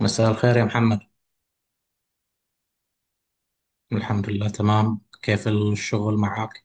مساء الخير يا محمد. الحمد لله تمام، كيف الشغل معك؟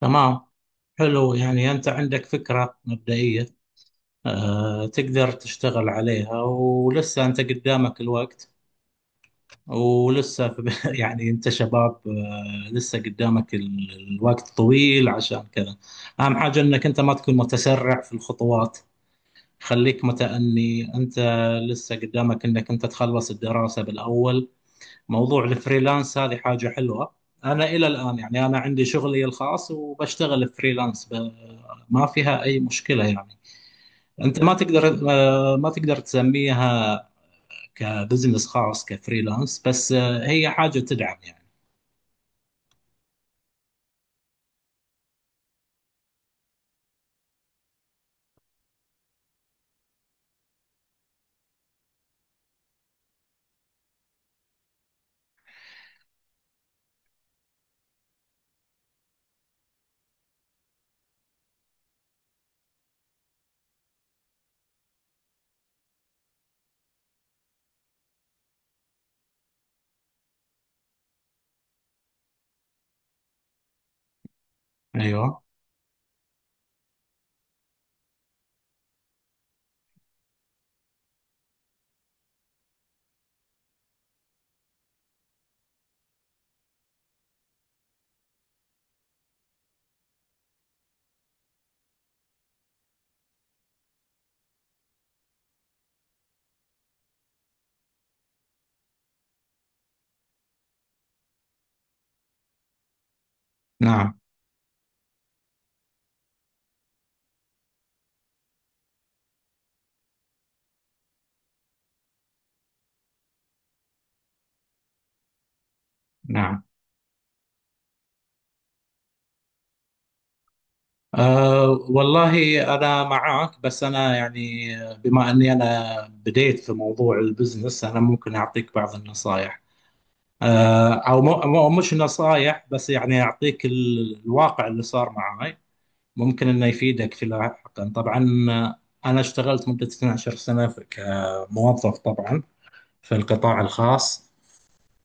تمام، حلو. يعني أنت عندك فكرة مبدئية، أه، تقدر تشتغل عليها ولسه أنت قدامك الوقت. ولسه في يعني أنت شباب، أه، لسه قدامك الوقت طويل عشان كذا. أهم حاجة أنك أنت ما تكون متسرع في الخطوات، خليك متأني. أنت لسه قدامك أنك أنت تخلص الدراسة بالأول. موضوع الفريلانس هذه حاجة حلوة. أنا إلى الآن يعني أنا عندي شغلي الخاص وبشتغل فريلانس ما فيها أي مشكلة يعني. أنت ما تقدر، ما تقدر تسميها كبزنس خاص، كفريلانس، بس هي حاجة تدعم يعني. أيوه. نعم. نعم. أه والله أنا معاك، بس أنا يعني بما أني أنا بديت في موضوع البزنس، أنا ممكن أعطيك بعض النصائح. او مش نصايح، بس يعني يعطيك الواقع اللي صار معاي. ممكن انه يفيدك في لاحقا طبعا. آه، انا اشتغلت مدة 12 سنة كموظف طبعا في القطاع الخاص.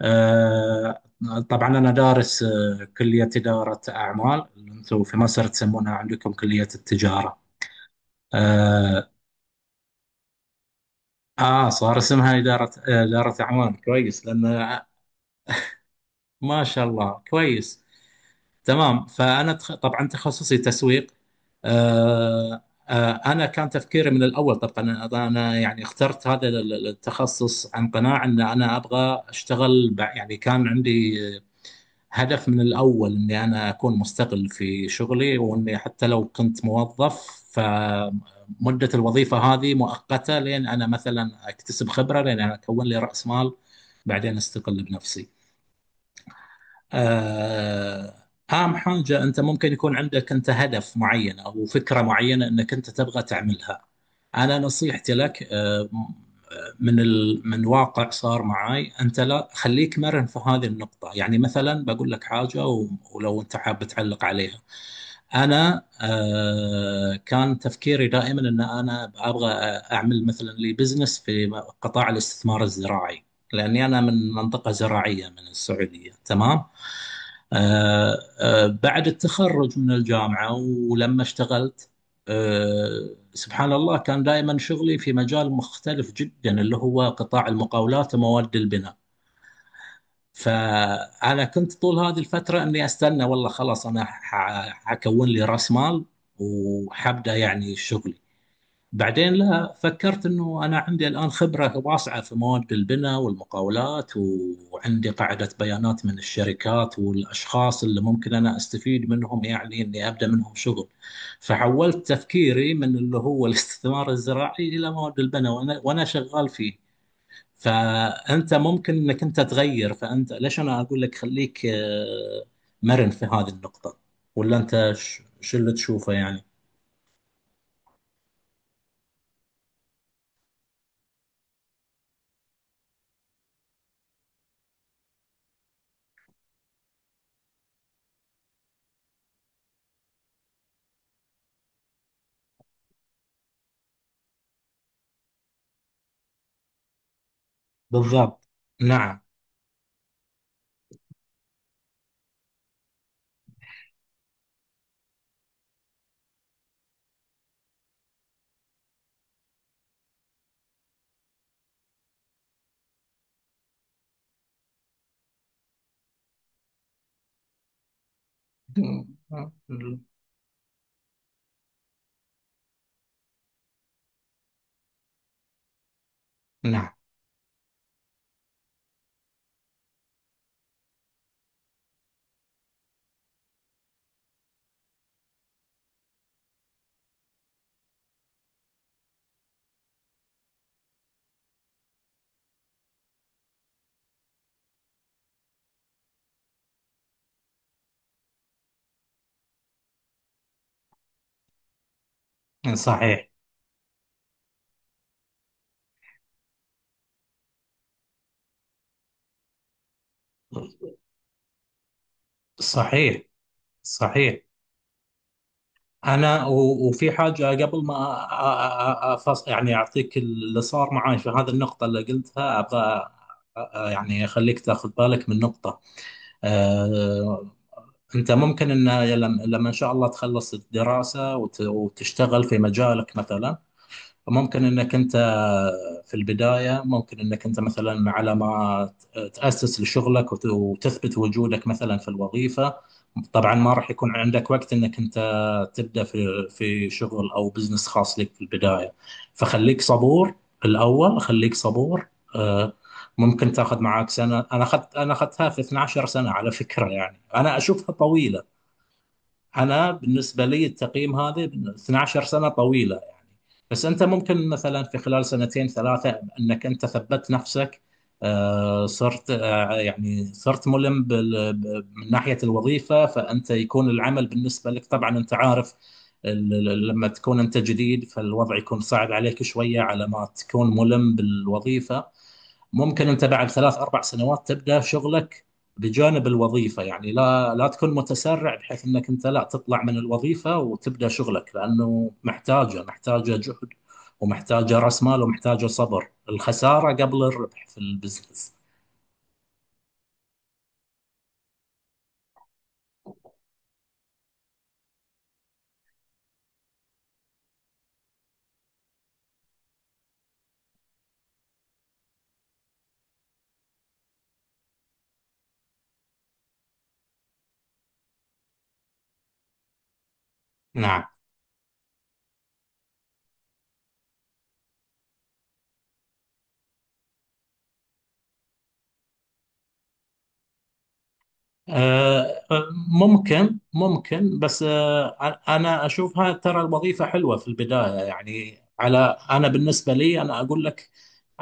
آه، طبعا انا دارس، كلية إدارة اعمال، اللي انتم في مصر تسمونها عندكم كلية التجارة. اه، صار اسمها إدارة، إدارة اعمال. كويس لان، ما شاء الله، كويس. تمام، طبعا تخصصي تسويق. آه. آه، انا كان تفكيري من الاول. طبعا أنا يعني اخترت هذا التخصص عن قناعه ان انا ابغى يعني كان عندي هدف من الاول اني انا اكون مستقل في شغلي، واني حتى لو كنت موظف فمده الوظيفه هذه مؤقته لين انا مثلا اكتسب خبره، لين انا اكون لي راس مال بعدين استقل بنفسي. آه، أهم حاجة أنت ممكن يكون عندك أنت هدف معين أو فكرة معينة أنك أنت تبغى تعملها. أنا نصيحتي لك، من من واقع صار معاي، انت لا، خليك مرن في هذه النقطه. يعني مثلا بقول لك ولو انت حاب تعلق عليها. انا كان تفكيري دائما ان انا ابغى اعمل مثلا لي بزنس في قطاع الاستثمار الزراعي، لاني انا من منطقه زراعيه من السعوديه. تمام، بعد التخرج من الجامعه ولما اشتغلت، أه سبحان الله، كان دائما شغلي في مجال مختلف جدا، اللي هو قطاع المقاولات ومواد البناء. فأنا كنت طول هذه الفترة أني أستنى، والله خلاص أنا حكون لي رأس مال وحبدأ يعني شغلي. بعدين لا، فكرت انه انا عندي الان خبره واسعه في مواد البناء والمقاولات، وعندي قاعده بيانات من الشركات والاشخاص اللي ممكن انا استفيد منهم، يعني اني ابدا منهم شغل. فحولت تفكيري من اللي هو الاستثمار الزراعي الى مواد البناء، وانا شغال فيه. فانت ممكن انك انت تغير. فانت ليش انا اقول لك خليك، مرن في هذه النقطه؟ ولا انت شو اللي تشوفه يعني؟ بالضبط. نعم. نعم. صحيح. صحيح. صحيح. أنا، وفي حاجة قبل ما أفص، يعني أعطيك اللي صار معي في هذه النقطة اللي قلتها، أبغى يعني أخليك تاخذ بالك من نقطة. أه، أنت ممكن أن لما إن شاء الله تخلص الدراسة وتشتغل في مجالك مثلا، ممكن انك انت في البدايه، ممكن انك انت مثلا على ما تاسس لشغلك وتثبت وجودك مثلا في الوظيفه، طبعا ما راح يكون عندك وقت انك انت تبدا في شغل او بزنس خاص لك في البدايه. فخليك صبور الاول، خليك صبور. آه، ممكن تاخذ معاك سنه. انا اخذت، انا اخذتها في 12 سنه على فكره، يعني انا اشوفها طويله. انا بالنسبه لي التقييم هذا 12 سنه طويله يعني. بس انت ممكن مثلا في خلال سنتين ثلاثه انك انت ثبت نفسك، صرت، يعني صرت ملم من ناحيه الوظيفه. فانت يكون العمل بالنسبه لك، طبعا انت عارف، لما تكون انت جديد فالوضع يكون صعب عليك شويه على ما تكون ملم بالوظيفه. ممكن انت بعد ثلاث اربع سنوات تبدا شغلك بجانب الوظيفه، يعني لا، لا تكون متسرع بحيث انك انت لا تطلع من الوظيفه وتبدا شغلك، لانه محتاجه جهد ومحتاجه راس مال ومحتاجه صبر الخساره قبل الربح في البزنس. نعم. آه، ممكن بس، أنا أشوفها ترى الوظيفة حلوة في البداية يعني، على، أنا بالنسبة لي أنا أقول لك،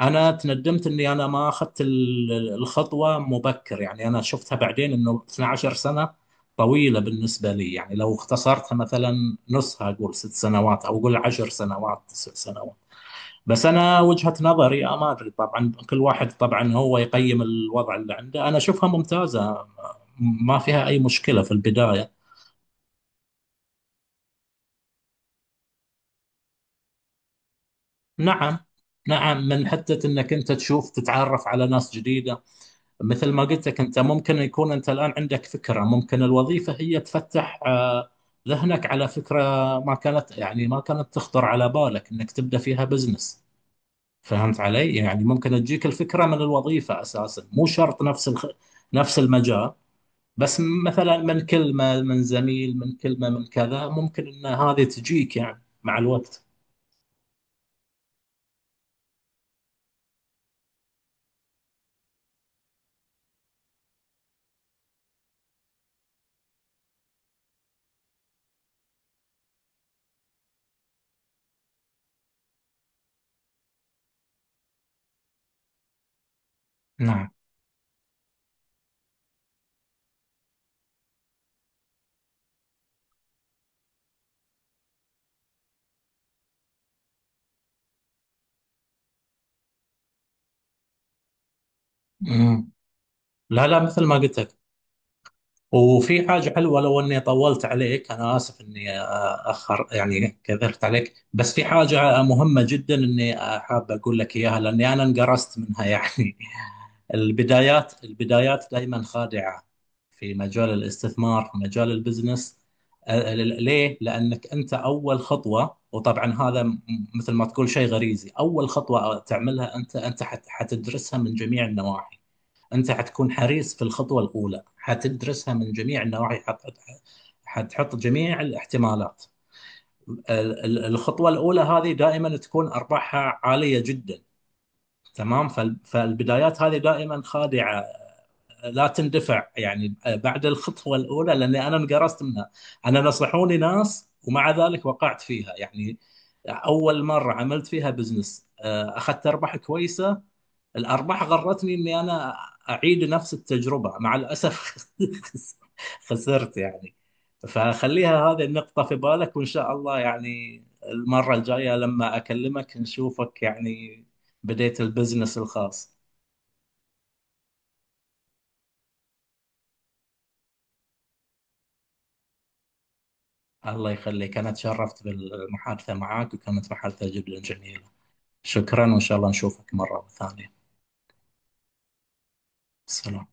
أنا تندمت إني أنا ما أخذت الخطوة مبكر. يعني أنا شفتها بعدين إنه 12 سنة طويلة بالنسبة لي يعني، لو اختصرتها مثلا نصها أقول ست سنوات، أو أقول 10 سنوات، تسع سنوات. بس انا وجهة نظري، ما ادري طبعا، كل واحد طبعا هو يقيم الوضع اللي عنده. انا اشوفها ممتازة، ما فيها اي مشكلة في البداية. نعم. نعم، من حتة انك انت تشوف، تتعرف على ناس جديدة. مثل ما قلت لك، انت ممكن يكون انت الان عندك فكرة، ممكن الوظيفة هي تفتح، ذهنك على فكرة ما كانت يعني ما كانت تخطر على بالك انك تبدأ فيها بزنس. فهمت علي؟ يعني ممكن تجيك الفكرة من الوظيفة اساسا، مو شرط نفس نفس المجال. بس مثلا من كلمة من زميل، من كلمة من كذا، ممكن ان هذه تجيك يعني مع الوقت. نعم. مم. لا لا، مثل ما قلت لك، وفي حاجة حلوة. لو إني طولت عليك أنا آسف، إني أخر يعني كثرت عليك، بس في حاجة مهمة جدا إني، حاب أقول لك إياها، لأني أنا انقرصت منها يعني. البدايات دائما خادعة في مجال الاستثمار، في مجال البزنس. ليه؟ لأنك أنت أول خطوة، وطبعا هذا مثل ما تقول شيء غريزي، أول خطوة تعملها أنت، أنت حتدرسها من جميع النواحي. أنت حتكون حريص في الخطوة الأولى، حتدرسها من جميع النواحي، حتحط جميع الاحتمالات. الخطوة الأولى هذه دائما تكون أرباحها عالية جدا. تمام، فالبدايات هذه دائما خادعة. لا تندفع يعني بعد الخطوة الأولى، لأني أنا انقرصت منها. أنا نصحوني ناس ومع ذلك وقعت فيها يعني. أول مرة عملت فيها بزنس، أخذت أرباح كويسة. الارباح غرتني اني انا اعيد نفس التجربه، مع الاسف خسرت يعني. فخليها هذه النقطه في بالك، وان شاء الله يعني المره الجايه لما اكلمك نشوفك يعني، بديت البزنس الخاص. الله يخليك، انا تشرفت بالمحادثه معك وكانت محادثه جدا جميله. شكرا وان شاء الله نشوفك مره ثانيه. سلام.